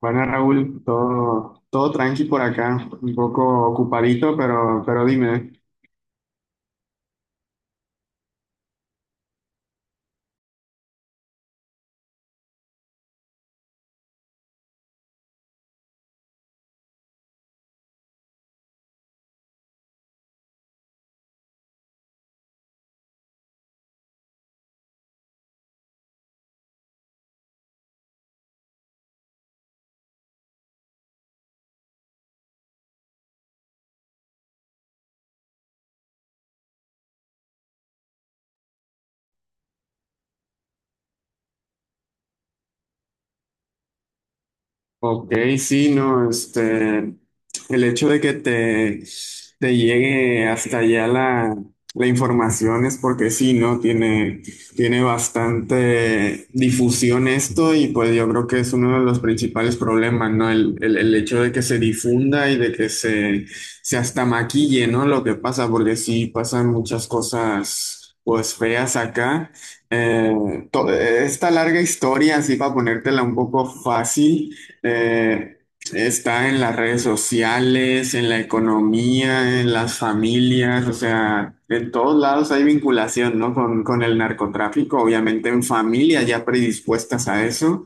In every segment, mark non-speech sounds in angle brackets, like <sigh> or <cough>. Bueno, Raúl, todo tranqui por acá, un poco ocupadito, pero dime. Ok, sí, no, este, el hecho de que te llegue hasta allá la información es porque sí, ¿no? Tiene bastante difusión esto y pues yo creo que es uno de los principales problemas, ¿no? El hecho de que se difunda y de que se hasta maquille, ¿no? Lo que pasa, porque sí pasan muchas cosas, pues feas acá. Esta larga historia, así para ponértela un poco fácil. Eh, Está en las redes sociales, en la economía, en las familias, o sea, en todos lados hay vinculación, ¿no? Con el narcotráfico, obviamente en familias ya predispuestas a eso.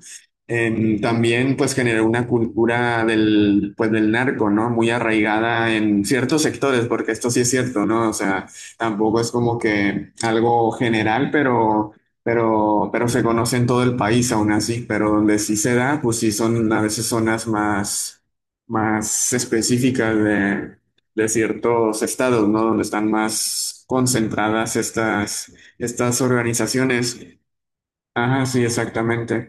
También pues generó una cultura del narco, ¿no? Muy arraigada en ciertos sectores, porque esto sí es cierto, ¿no? O sea, tampoco es como que algo general, pero... Pero se conoce en todo el país aún así, pero donde sí se da, pues sí son a veces zonas más específicas de ciertos estados, ¿no? Donde están más concentradas estas organizaciones. Ajá, sí, exactamente.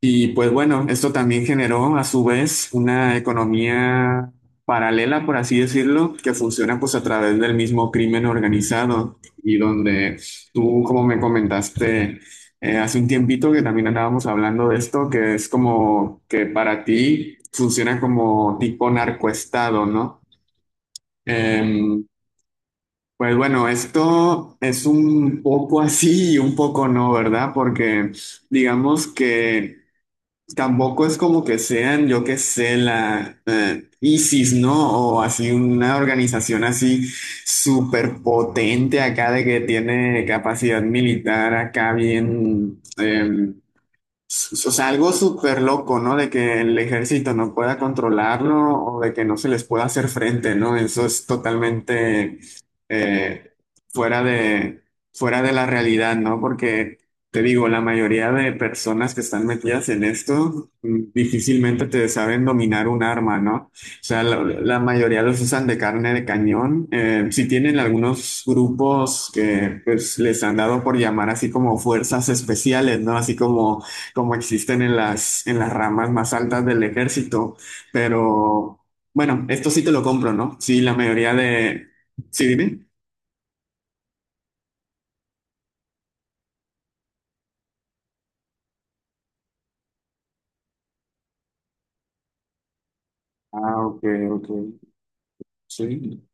Y pues bueno, esto también generó a su vez una economía paralela, por así decirlo, que funciona pues a través del mismo crimen organizado y donde tú, como me comentaste hace un tiempito que también andábamos hablando de esto, que es como que para ti funciona como tipo narcoestado, ¿no? Em, pues bueno, esto es un poco así y un poco no, ¿verdad? Porque digamos que... Tampoco es como que sean, yo qué sé, la ISIS, ¿no? O así una organización así súper potente acá de que tiene capacidad militar acá bien, o sea, algo súper loco, ¿no? De que el ejército no pueda controlarlo o de que no se les pueda hacer frente, ¿no? Eso es totalmente eh, fuera de, fuera de la realidad, ¿no? Porque te digo, la mayoría de personas que están metidas en esto difícilmente te saben dominar un arma, ¿no? O sea, la mayoría los usan de carne de cañón. Sí tienen algunos grupos que pues, les han dado por llamar así como fuerzas especiales, ¿no? Así como existen en las ramas más altas del ejército. Pero bueno, esto sí te lo compro, ¿no? Sí, la mayoría de... Sí, dime. Ah, ok, ok. Sí.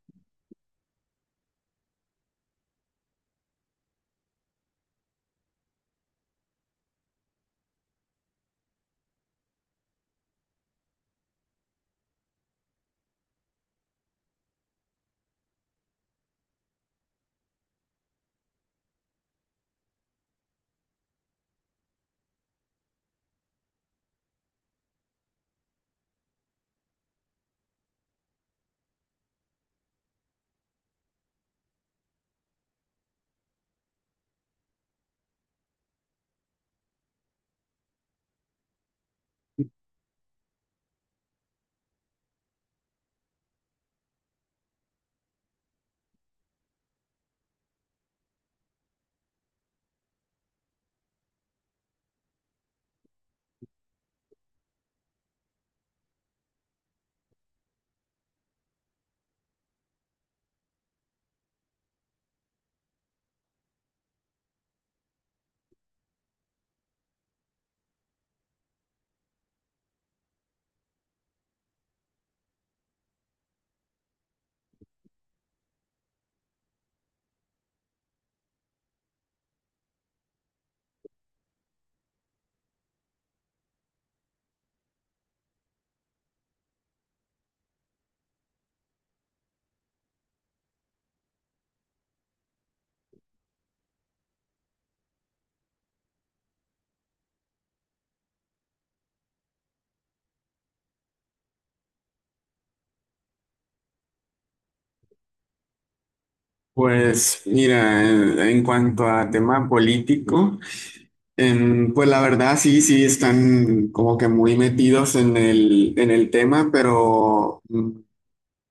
Pues mira, en cuanto a tema político, pues la verdad sí, sí están como que muy metidos en el tema, pero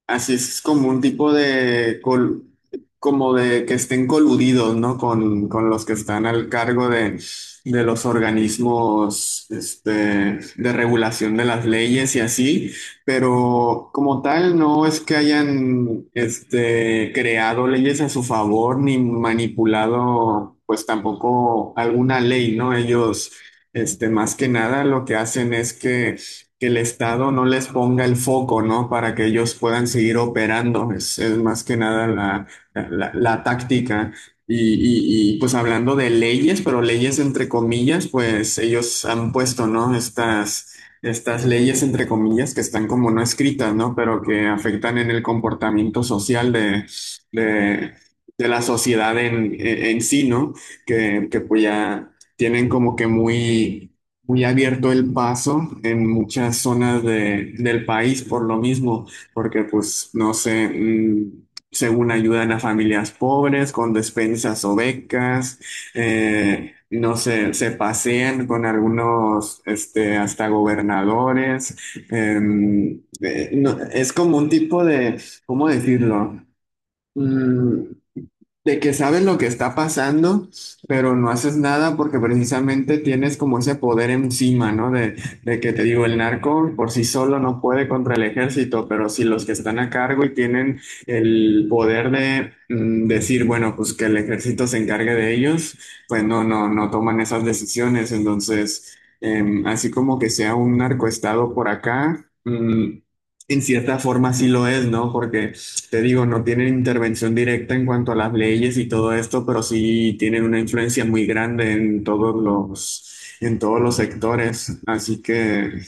Así es. Es como un tipo de, como de que estén coludidos, ¿no? Con los que están al cargo de los organismos, este, de regulación de las leyes y así, pero como tal no es que hayan, este, creado leyes a su favor ni manipulado, pues tampoco alguna ley, ¿no? Ellos, este, más que nada lo que hacen es que el Estado no les ponga el foco, ¿no? Para que ellos puedan seguir operando. Es más que nada la, la táctica. Y, pues hablando de leyes, pero leyes entre comillas, pues ellos han puesto, ¿no? Estas leyes entre comillas que están como no escritas, ¿no? Pero que afectan en el comportamiento social de, de la sociedad en sí, ¿no? Que pues ya tienen como que muy muy abierto el paso en muchas zonas del país por lo mismo, porque pues no sé, según ayudan a familias pobres con despensas o becas, no sé, se pasean con algunos, este, hasta gobernadores, no, es como un tipo de, ¿cómo decirlo? Mm, de que sabes lo que está pasando, pero no haces nada porque precisamente tienes como ese poder encima, ¿no? De que te digo, el narco por sí solo no puede contra el ejército, pero si los que están a cargo y tienen el poder de decir, bueno, pues que el ejército se encargue de ellos, pues no, no, no toman esas decisiones. Entonces, así como que sea un narcoestado por acá, en cierta forma sí lo es, ¿no? Porque te digo, no tienen intervención directa en cuanto a las leyes y todo esto, pero sí tienen una influencia muy grande en todos los sectores. Así que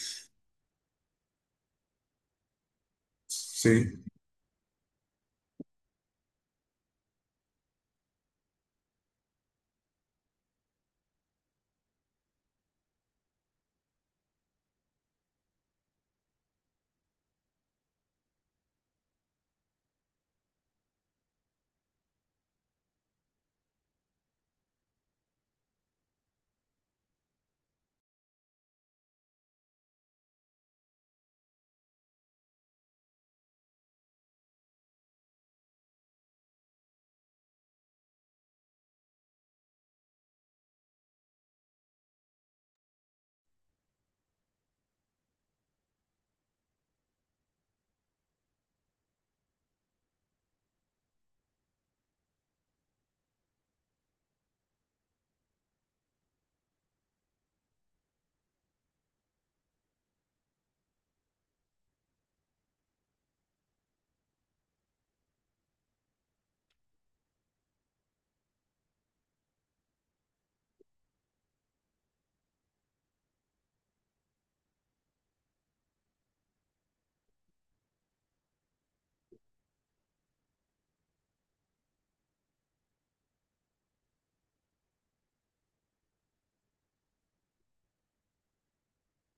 sí.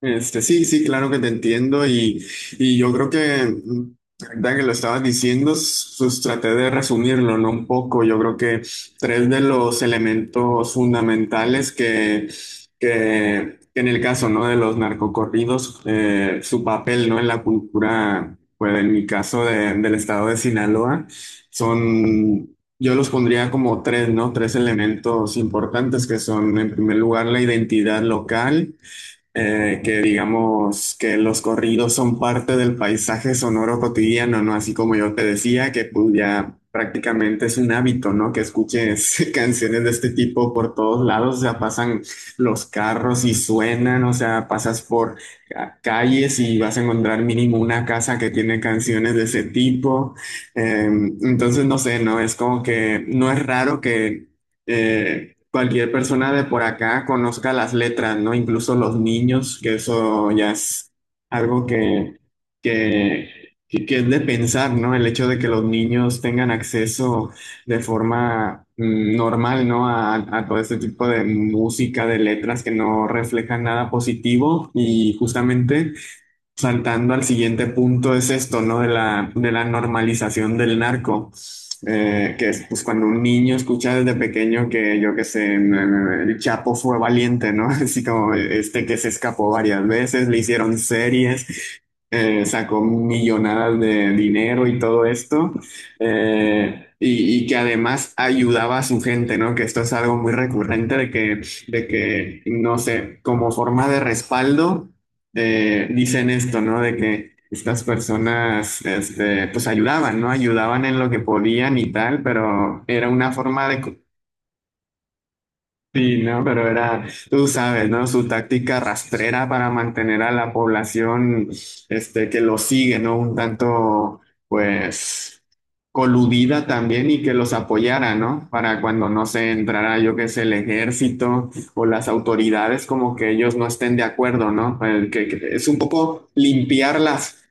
Este, sí, sí, claro que te entiendo y, yo creo que, ahorita que lo estabas diciendo, pues traté de resumirlo, ¿no? Un poco, yo creo que tres de los elementos fundamentales que en el caso, ¿no? De los narcocorridos, su papel, ¿no? En la cultura, pues en mi caso del estado de Sinaloa, son... Yo los pondría como tres, ¿no? Tres elementos importantes que son, en primer lugar, la identidad local, que digamos que los corridos son parte del paisaje sonoro cotidiano, ¿no? Así como yo te decía, que pues ya prácticamente es un hábito, ¿no? Que escuches <laughs> canciones de este tipo por todos lados, o sea, pasan los carros y suenan, o sea, pasas por calles y vas a encontrar mínimo una casa que tiene canciones de ese tipo. Eh, entonces, no sé, ¿no? Es como que no es raro que... cualquier persona de por acá conozca las letras, ¿no? Incluso los niños, que eso ya es algo que, que es de pensar, ¿no? El hecho de que los niños tengan acceso de forma normal, ¿no? A todo este tipo de música, de letras que no reflejan nada positivo y justamente... Saltando al siguiente punto es esto, ¿no? De la normalización del narco. Que es pues cuando un niño escucha desde pequeño que yo qué sé, el Chapo fue valiente, ¿no? <laughs> Así como este que se escapó varias veces, le hicieron series, sacó millonadas de dinero y todo esto, y que además ayudaba a su gente, ¿no? Que esto es algo muy recurrente de que, no sé, como forma de respaldo dicen esto, ¿no? De que estas personas, este, pues ayudaban, ¿no? Ayudaban en lo que podían y tal, pero era una forma de, Sí, no, pero era, tú sabes, ¿no? Su táctica rastrera para mantener a la población, este, que lo sigue, ¿no? Un tanto, pues, coludida también y que los apoyara, ¿no? Para cuando no se entrara, yo qué sé, el ejército o las autoridades, como que ellos no estén de acuerdo, ¿no? El que es un poco limpiar las.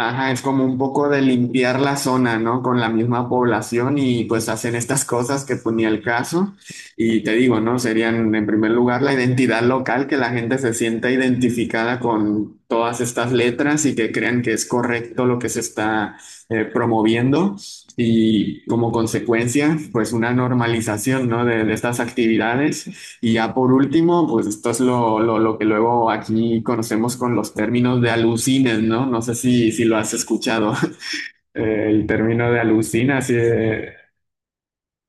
Ajá, es como un poco de limpiar la zona, ¿no? Con la misma población y pues hacen estas cosas que ponía el caso. Y te digo, ¿no? Serían en primer lugar la identidad local, que la gente se sienta identificada con todas estas letras y que crean que es correcto lo que se está promoviendo. Y como consecuencia, pues una normalización, ¿no? De estas actividades y ya por último, pues esto es lo que luego aquí conocemos con los términos de alucines, ¿no? No sé si lo has escuchado, <laughs> el término de alucina, sí,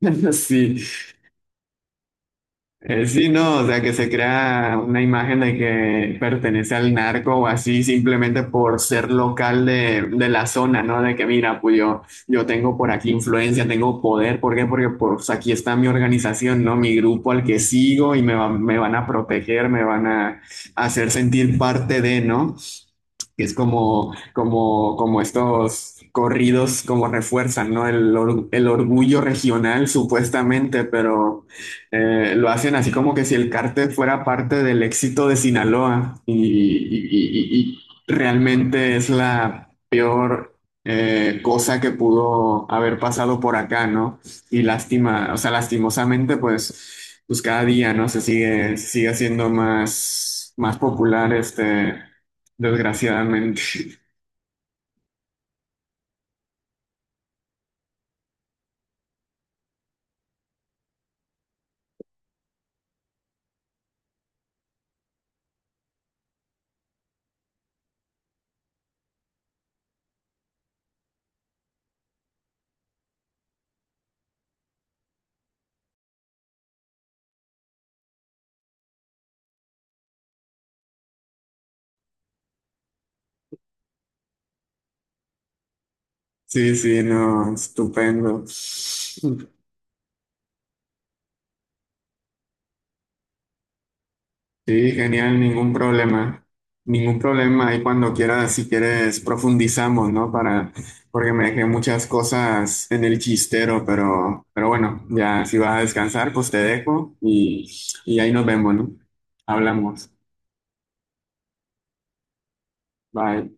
<laughs> sí, sí, no, o sea, que se crea una imagen de que pertenece al narco o así simplemente por ser local de la zona, ¿no? De que mira, pues yo tengo por aquí influencia, tengo poder, ¿por qué? Porque pues aquí está mi organización, ¿no? Mi grupo al que sigo y me van a proteger, me van a hacer sentir parte de, ¿no? Que es como estos corridos como refuerzan, ¿no? El orgullo regional supuestamente, pero lo hacen así como que si el cártel fuera parte del éxito de Sinaloa y, y realmente es la peor cosa que pudo haber pasado por acá, ¿no? Y lástima, o sea, lastimosamente, pues, pues cada día, ¿no? Se sigue haciendo más popular este. Desgraciadamente. <laughs> Sí, sí, no, estupendo. Sí, genial, ningún problema. Ningún problema. Ahí cuando quieras, si quieres, profundizamos, ¿no? Para, porque me dejé muchas cosas en el chistero, pero bueno, ya si vas a descansar, pues te dejo y, ahí nos vemos, ¿no? Hablamos. Bye.